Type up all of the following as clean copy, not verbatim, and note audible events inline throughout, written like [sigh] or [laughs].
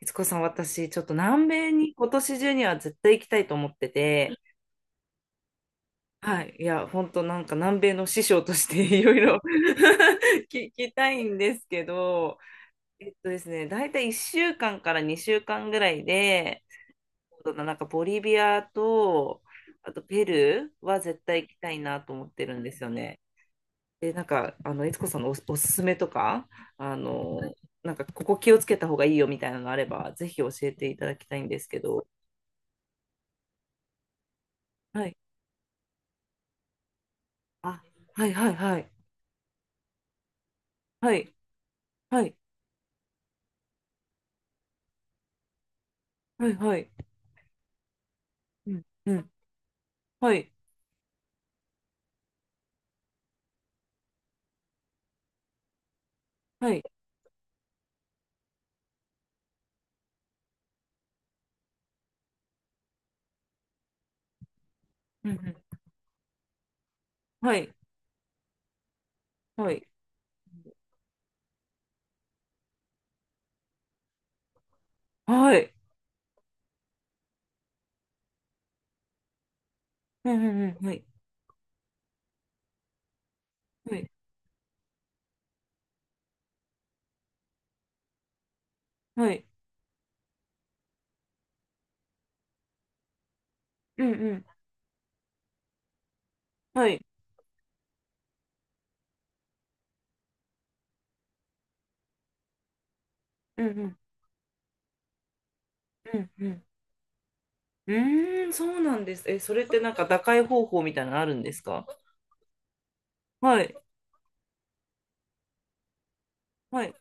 悦子さん、私、ちょっと南米に今年中には絶対行きたいと思ってて、はい、いや、本当なんか南米の師匠として [laughs] いろいろ [laughs] 聞きたいんですけど、えっとですね、大体1週間かんから2週間ぐらいで、そうだななんかボリビアと、あとペルーは絶対行きたいなと思ってるんですよね。で、なんか、悦子さんのおすすめとか、あの、なんかここ気をつけた方がいいよみたいなのがあれば、ぜひ教えていただきたいんですけど。はい、あ、はいはいはい。はい。はい。はいはい。うん。うん。はい。はい。うんうん。はい。はい。はい。うんうんうん。はい。はい。はい。うんうん。はい。うんうん。うんうん。うーん、そうなんです。え、それってなんか打開方法みたいなのあるんですか？はい。はい。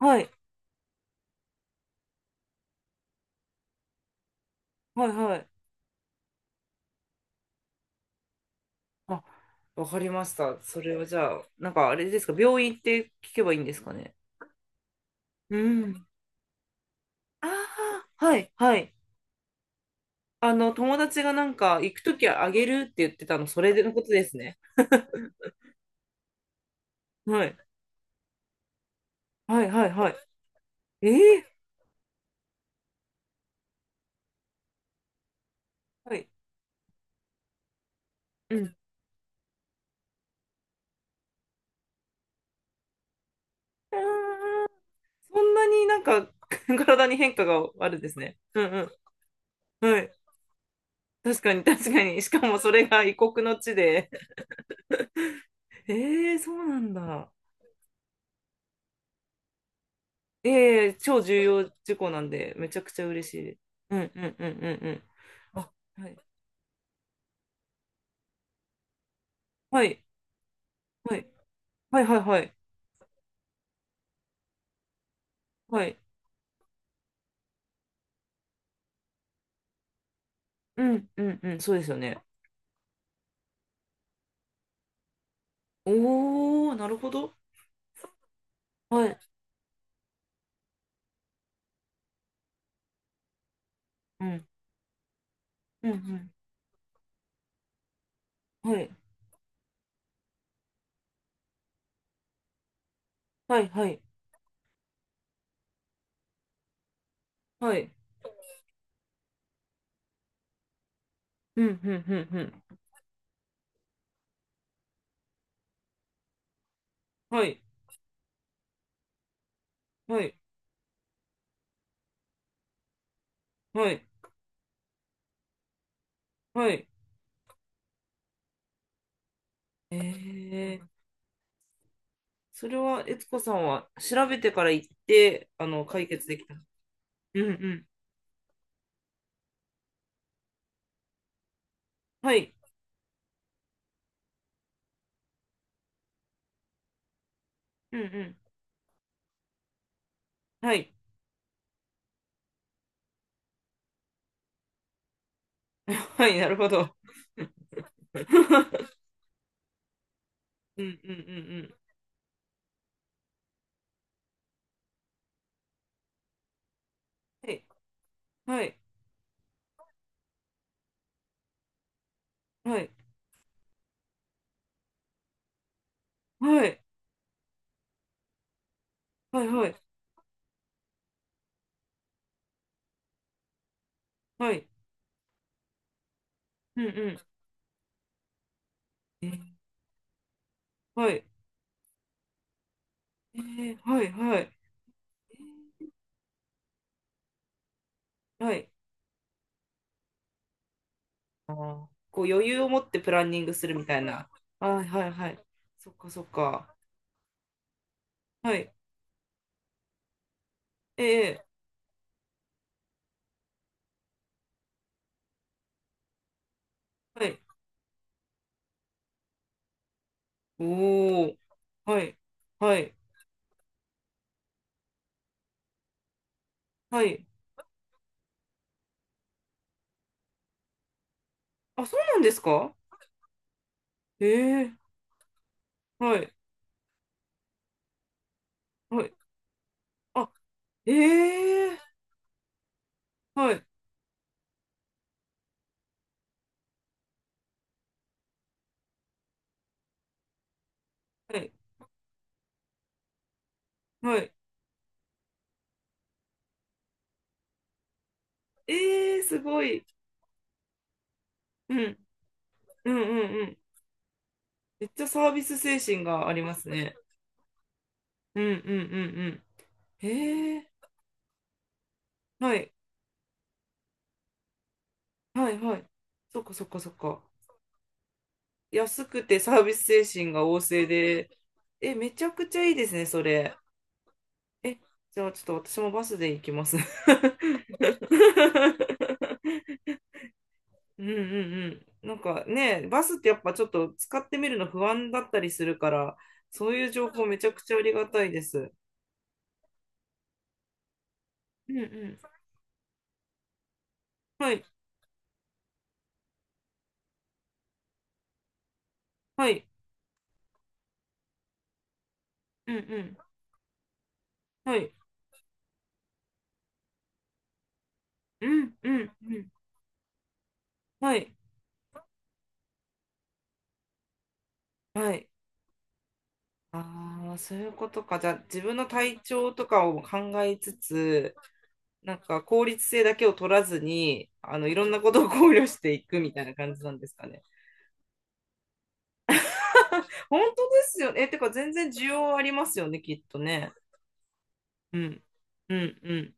はい。はい。はい。あ、わかりました。それはじゃあ、なんかあれですか、病院って聞けばいいんですかね。うん。ああ、はい。はい。友達がなんか、行くときはあげるって言ってたの、それのことですね。はい。はい、はい、はい。ええはい。うん。あー、そんなになんか、[laughs] 体に変化があるんですね。うんうん。はい。確かに、確かに。しかもそれが異国の地で。ええ、そうなんだ。ええ超重要事項なんで、めちゃくちゃ嬉しい。うんうんうんうんうん。あ、はい。はい。はい。はいはいはい。はい。うんうんうん。そうですよね。おー、なるほど。はい。うん、うん、うん。はい、はい、はい、はい。うん、うん、うん、うん。はい、はい、はい、はい。ええ、それは、悦子さんは調べてから行って、解決できた。うん、うん。はい、うん、うん。はい、[laughs] はい、なるほど。[laughs] うん、うん、うん、うん。はい、はい、はい、はい、はい、はい、はい。うん、うん。えーはい、えーはい、はい、はい。あー、こう余裕を持ってプランニングするみたいな。はいはいはい。そっかそっか。はい。ええ、はい。おー。はい。はい。はい。あ、そうなんですか？ええ、はい。はい。あ、ええ、はい。はい。はい。ええ、すごい。うん。うんうんうん。めっちゃサービス精神がありますね。うんうんうんうん。ええ、はい。はいはい。そっかそっかそっか。安くてサービス精神が旺盛で、え、めちゃくちゃいいですね、それ。え、じゃあちょっと私もバスで行きます。[laughs] うんうんうん。なんかね、バスってやっぱちょっと使ってみるの不安だったりするから、そういう情報めちゃくちゃありがたいです。うんうん。はい、はい、うんうん。はい、うんうんうん。はい、はい。ああ、そういうことか。じゃあ自分の体調とかを考えつつ、なんか効率性だけを取らずに、いろんなことを考慮していくみたいな感じなんですかね。本当ですよね。え、てか全然需要ありますよね、きっとね。うん。うん、うん。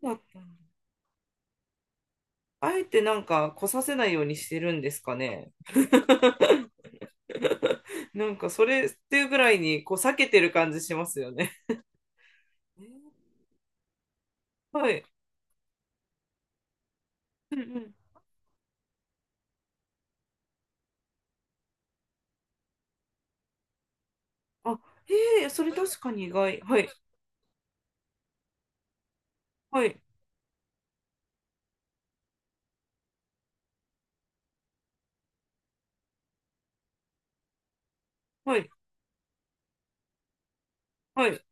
そうだったんだ。あえてなんか来させないようにしてるんですかね。[laughs] なんかそれっていうぐらいにこう避けてる感じしますよね。はい。うんうん。あ、へえ、それ確かに意外。はい。はい。はい。はい。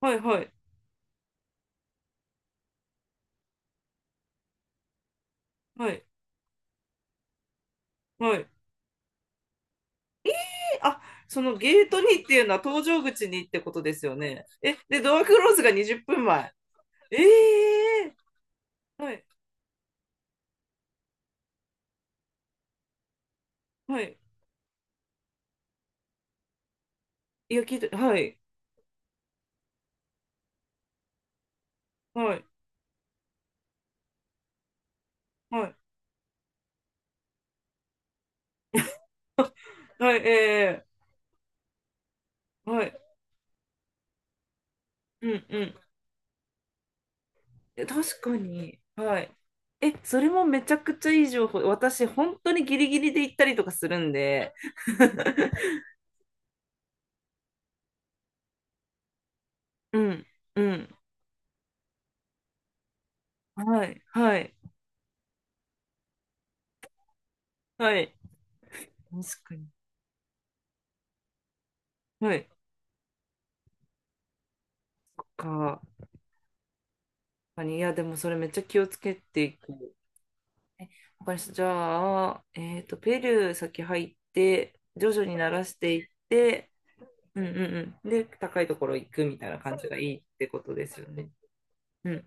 はい。はい。はい。はい。はい。あ、そのゲートにっていうのは搭乗口にってことですよね。え、で、ドアクローズが20分前。ええーはい、はい。いや、聞いて、はい、はい、はい、はい、ええはい、うん、うん。え確かに、はい。え、それもめちゃくちゃいい情報。私、本当にギリギリで行ったりとかするんで。[laughs] うん、うん。はい、はい、はい。確かに。はい。確かに。いや、でもそれめっちゃ気をつけていく。わかりました。じゃあ、えっと、ペルー先入って、徐々に慣らしていって、うんうんうん。で、高いところ行くみたいな感じがいいってことですよね。うんうん。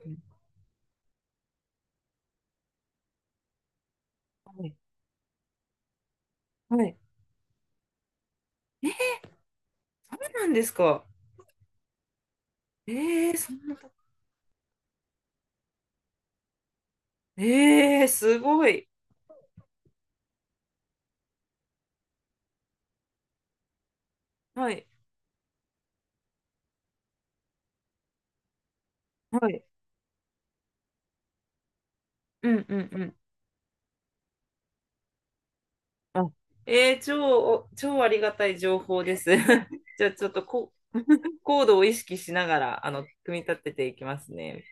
はい。はい。えー、そうなんですか。えー、そんなとこ。えー、すごい。はい。はい。うんうんうん。あ、えー、超ありがたい情報です。[laughs] じゃあ、ちょっとこ、コードを意識しながら、組み立てていきますね。